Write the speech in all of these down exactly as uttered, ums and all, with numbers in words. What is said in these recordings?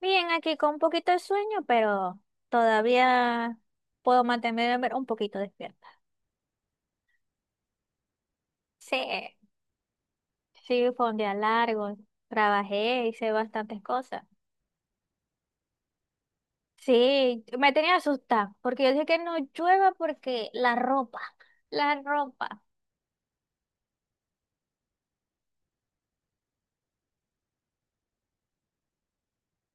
Bien, aquí con un poquito de sueño, pero todavía puedo mantenerme un poquito despierta. Sí, sí, fue un día largo, trabajé, hice bastantes cosas. Sí, me tenía asustada, porque yo dije que no llueva porque la ropa, la ropa,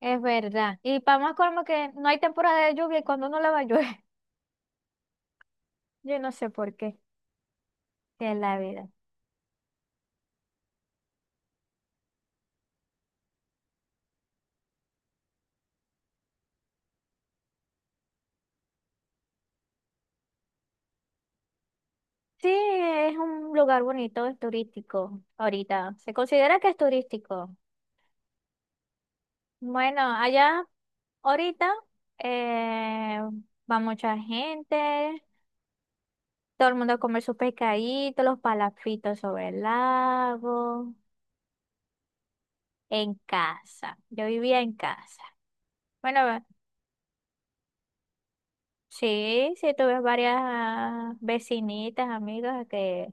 es verdad. Y para más como que no hay temporada de lluvia y cuando no lava llueve, yo no sé por qué, que es la vida. Sí, es un lugar bonito, es turístico ahorita. Se considera que es turístico. Bueno, allá ahorita eh, va mucha gente, todo el mundo a comer sus pescaditos, los palafitos sobre el lago, en casa. Yo vivía en casa. Bueno, ve- sí, sí, tuve varias vecinitas, amigas que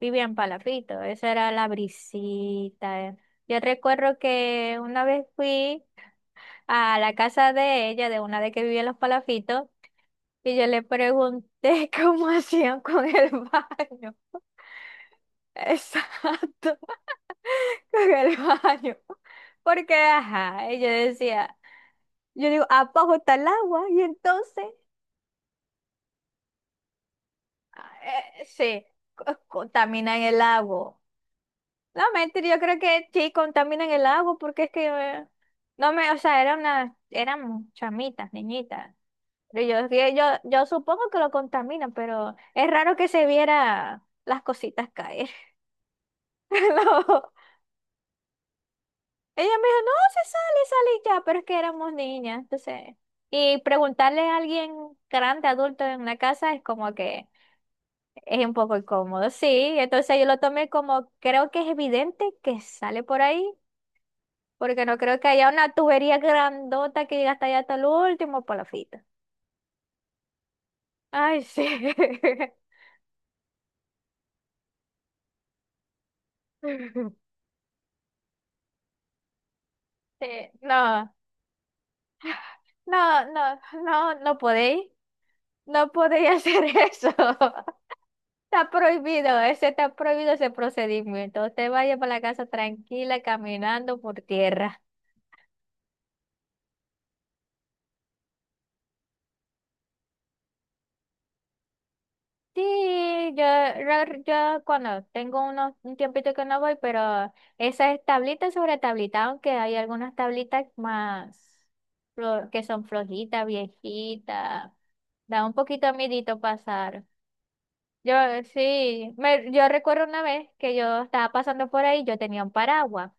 vivían palafitos. Esa era la brisita. eh. Yo recuerdo que una vez fui a la casa de ella, de una de que vivía en los palafitos, y yo le pregunté cómo hacían con el baño. Exacto, con el baño. Porque, ajá, y yo decía, yo digo, abajo está el agua y entonces, ah, eh, sí, co- contaminan el agua. No, mentira, yo creo que sí, contaminan el agua porque es que, eh, no me, o sea, era una, eran chamitas, niñitas. Pero yo, que yo, yo supongo que lo contaminan, pero es raro que se viera las cositas caer. Ella me dijo, no, se sale, sale y ya, pero es que éramos niñas, entonces. Y preguntarle a alguien grande, adulto en la casa es como que es un poco incómodo, sí. Entonces yo lo tomé como, creo que es evidente que sale por ahí, porque no creo que haya una tubería grandota que llega hasta allá hasta el último palafita. Ay, sí. Sí, no, no, no, no, no podéis, no podéis hacer eso. Está prohibido, ese está prohibido ese procedimiento. Usted vaya para la casa tranquila, caminando por tierra. Sí, yo, yo, yo cuando tengo unos, un tiempito que no voy, pero esa es tablita sobre tablita, aunque hay algunas tablitas más flo- que son flojitas, viejitas. Da un poquito de miedito pasar. Yo sí, me- yo recuerdo una vez que yo estaba pasando por ahí, yo tenía un paraguas.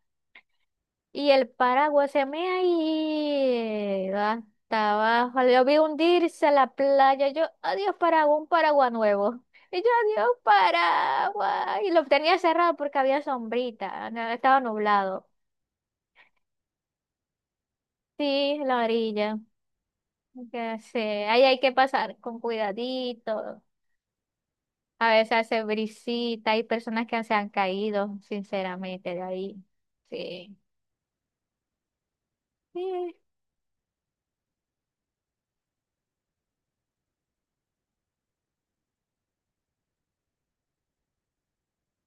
Y el paraguas se me ha ido hasta abajo. Lo vi hundirse a la playa. Yo, adiós paraguas, un paraguas nuevo. Y yo, adiós paraguas. Y lo tenía cerrado porque había sombrita, no, estaba nublado. Sí, la orilla. Ya sé, ahí hay que pasar con cuidadito. A veces hace brisita, hay personas que se han caído, sinceramente, de ahí. Sí. Sí,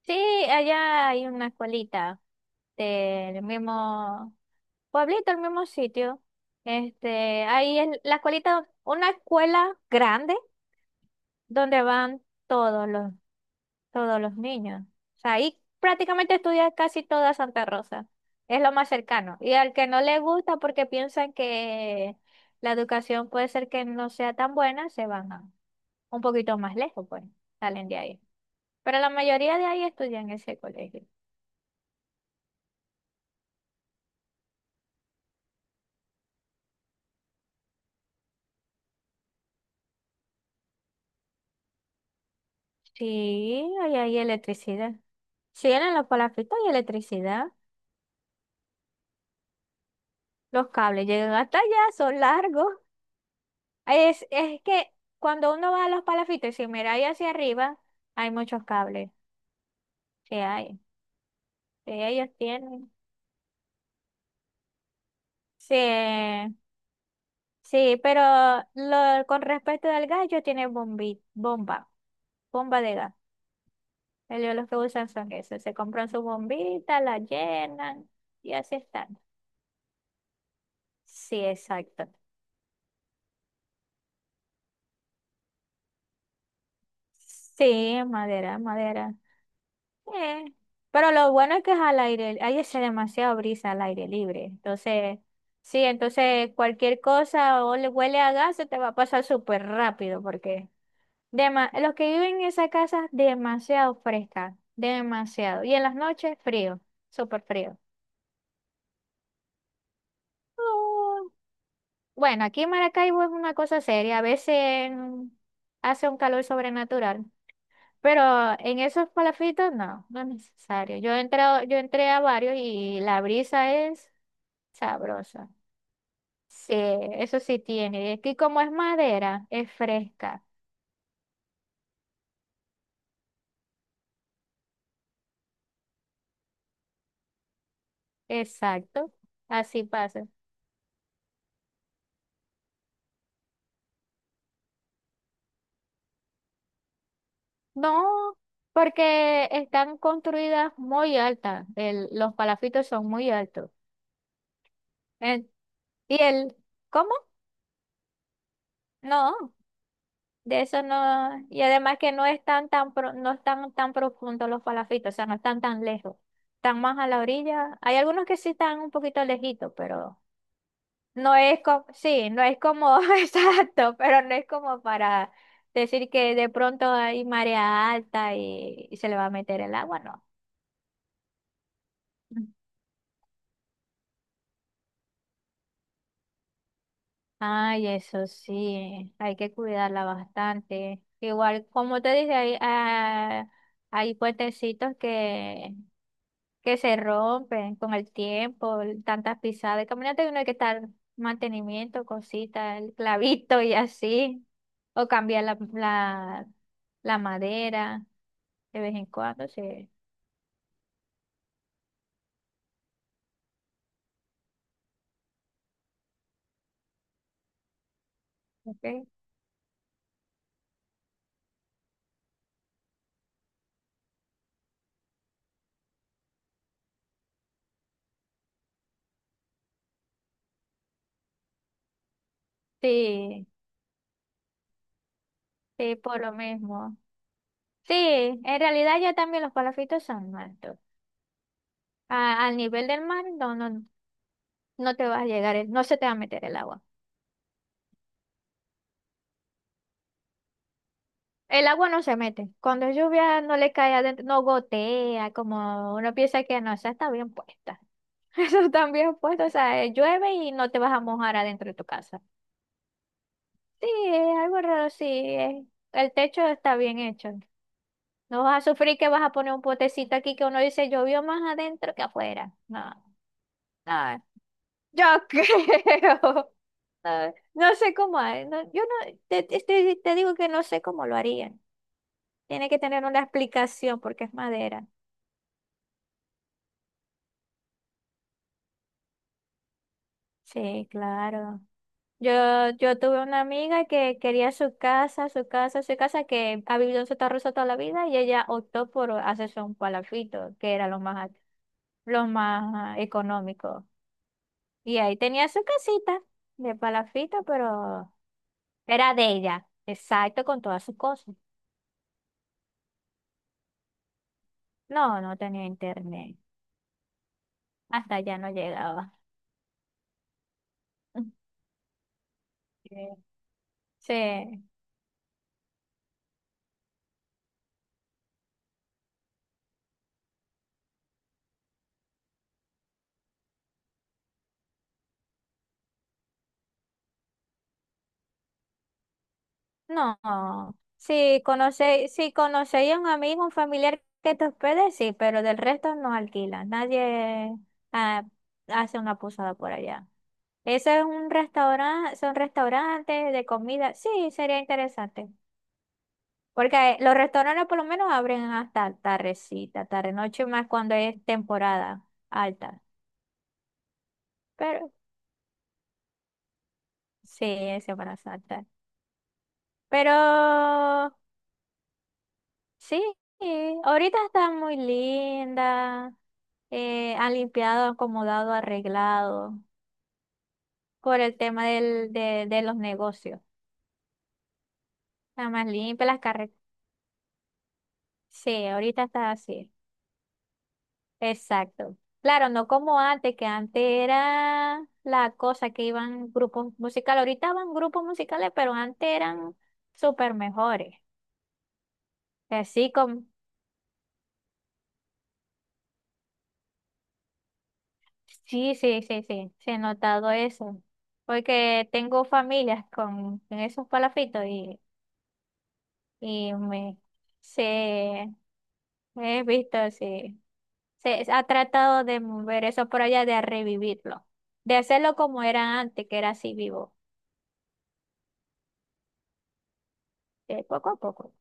Sí, allá hay una escuelita del mismo pueblito, el mismo sitio. Este, ahí es la escuelita, una escuela grande donde van todos los, todos los niños. O sea, ahí prácticamente estudia casi toda Santa Rosa. Es lo más cercano. Y al que no le gusta porque piensan que la educación puede ser que no sea tan buena, se van a- un poquito más lejos, pues, salen de ahí. Pero la mayoría de ahí estudian en ese colegio. Sí, ahí hay electricidad. Si eran los palafitos y electricidad. Los cables llegan hasta allá, son largos. Es, es que cuando uno va a los palafitos y si mira ahí hacia arriba, hay muchos cables. Sí, hay. Sí, ellos tienen. Sí, sí, pero lo, con respecto al gas, ellos tienen bombi, bomba, bomba de gas. Ellos los que usan son esos. Se compran su bombita, la llenan y así están. Sí, exacto. Sí, es madera, es madera. Eh, Pero lo bueno es que es al aire, ahí hace demasiado brisa al aire libre. Entonces, sí, entonces cualquier cosa o le huele a gas se te va a pasar súper rápido porque dema- los que viven en esa casa, demasiado fresca, demasiado. Y en las noches, frío, súper frío. Oh, bueno, aquí en Maracaibo es una cosa seria. A veces mm, hace un calor sobrenatural. Pero en esos palafitos no, no es necesario. Yo he entrado, yo entré a varios y la brisa es sabrosa. Sí, eso sí tiene. Y aquí como es madera, es fresca. Exacto. Así pasa. No, porque están construidas muy altas. El- los palafitos son muy altos. En- y el, ¿cómo? No. De eso no, y además que no están tan pro- no están tan profundos los palafitos, o sea, no están tan lejos, están más a la orilla. Hay algunos que sí están un poquito lejitos, pero no es como, sí, no es como, exacto, pero no es como para decir que de pronto hay marea alta y, y se le va a meter el agua, no. Ay, eso sí, hay que cuidarla bastante. Igual, como te dije, hay, ah, hay puentecitos que, que se rompen con el tiempo, el- tantas pisadas. Caminante uno hay que estar mantenimiento, cositas, el clavito y así. O cambiar la, la, la madera de vez en cuando, sí. Ok. Sí, sí, por lo mismo. Sí, en realidad ya también los palafitos son malos. a- al nivel del mar, no, no, no no te va a llegar, el- no se te va a meter el agua. El agua no se mete. Cuando es lluvia no le cae adentro, no gotea, como uno piensa que no, esa está bien puesta. Eso está bien puesto, o sea, eh, llueve y no te vas a mojar adentro de tu casa. Sí, es algo raro, sí. es- el techo está bien hecho. No vas a sufrir que vas a poner un potecito aquí que uno dice llovió más adentro que afuera. No, no, yo creo. No, no sé cómo hay, no, yo no, te, te- te- te digo que no sé cómo lo harían. Tiene que tener una explicación porque es madera. Sí, claro. Yo, yo tuve una amiga que quería su casa, su casa, su casa, que ha vivido en Santa Rosa toda la vida y ella optó por hacerse un palafito, que era lo más, lo más ah, económico. Y ahí tenía su casita de palafito, pero era de ella, exacto, con todas sus cosas. No, no tenía internet. Hasta allá no llegaba. Eh, sí, no. Si conocéis, si conocéis a un amigo, un familiar que te hospede, sí, pero del resto no alquilan. Nadie ah, hace una posada por allá. Ese es un restaurante, son restaurantes de comida. Sí, sería interesante. Porque los restaurantes por lo menos abren hasta tardecita, tarde noche más cuando es temporada alta. Pero sí, es Semana Santa. Pero sí, ahorita está muy linda, eh, han limpiado, acomodado, arreglado por el tema del, de, de los negocios. Está más limpia las carreteras. Sí, ahorita está así. Exacto. Claro, no como antes, que antes era la cosa que iban grupos musicales. Ahorita van grupos musicales, pero antes eran súper mejores. Así como. Sí, sí, sí, sí, sí, he notado eso, porque tengo familias con, con esos palafitos y, y me, se, he visto, sí, se ha tratado de mover eso por allá, de revivirlo, de hacerlo como era antes, que era así vivo, de poco a poco.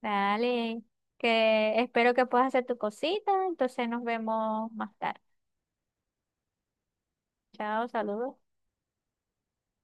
Dale, que espero que puedas hacer tu cosita, entonces nos vemos más tarde. Chao, saludos.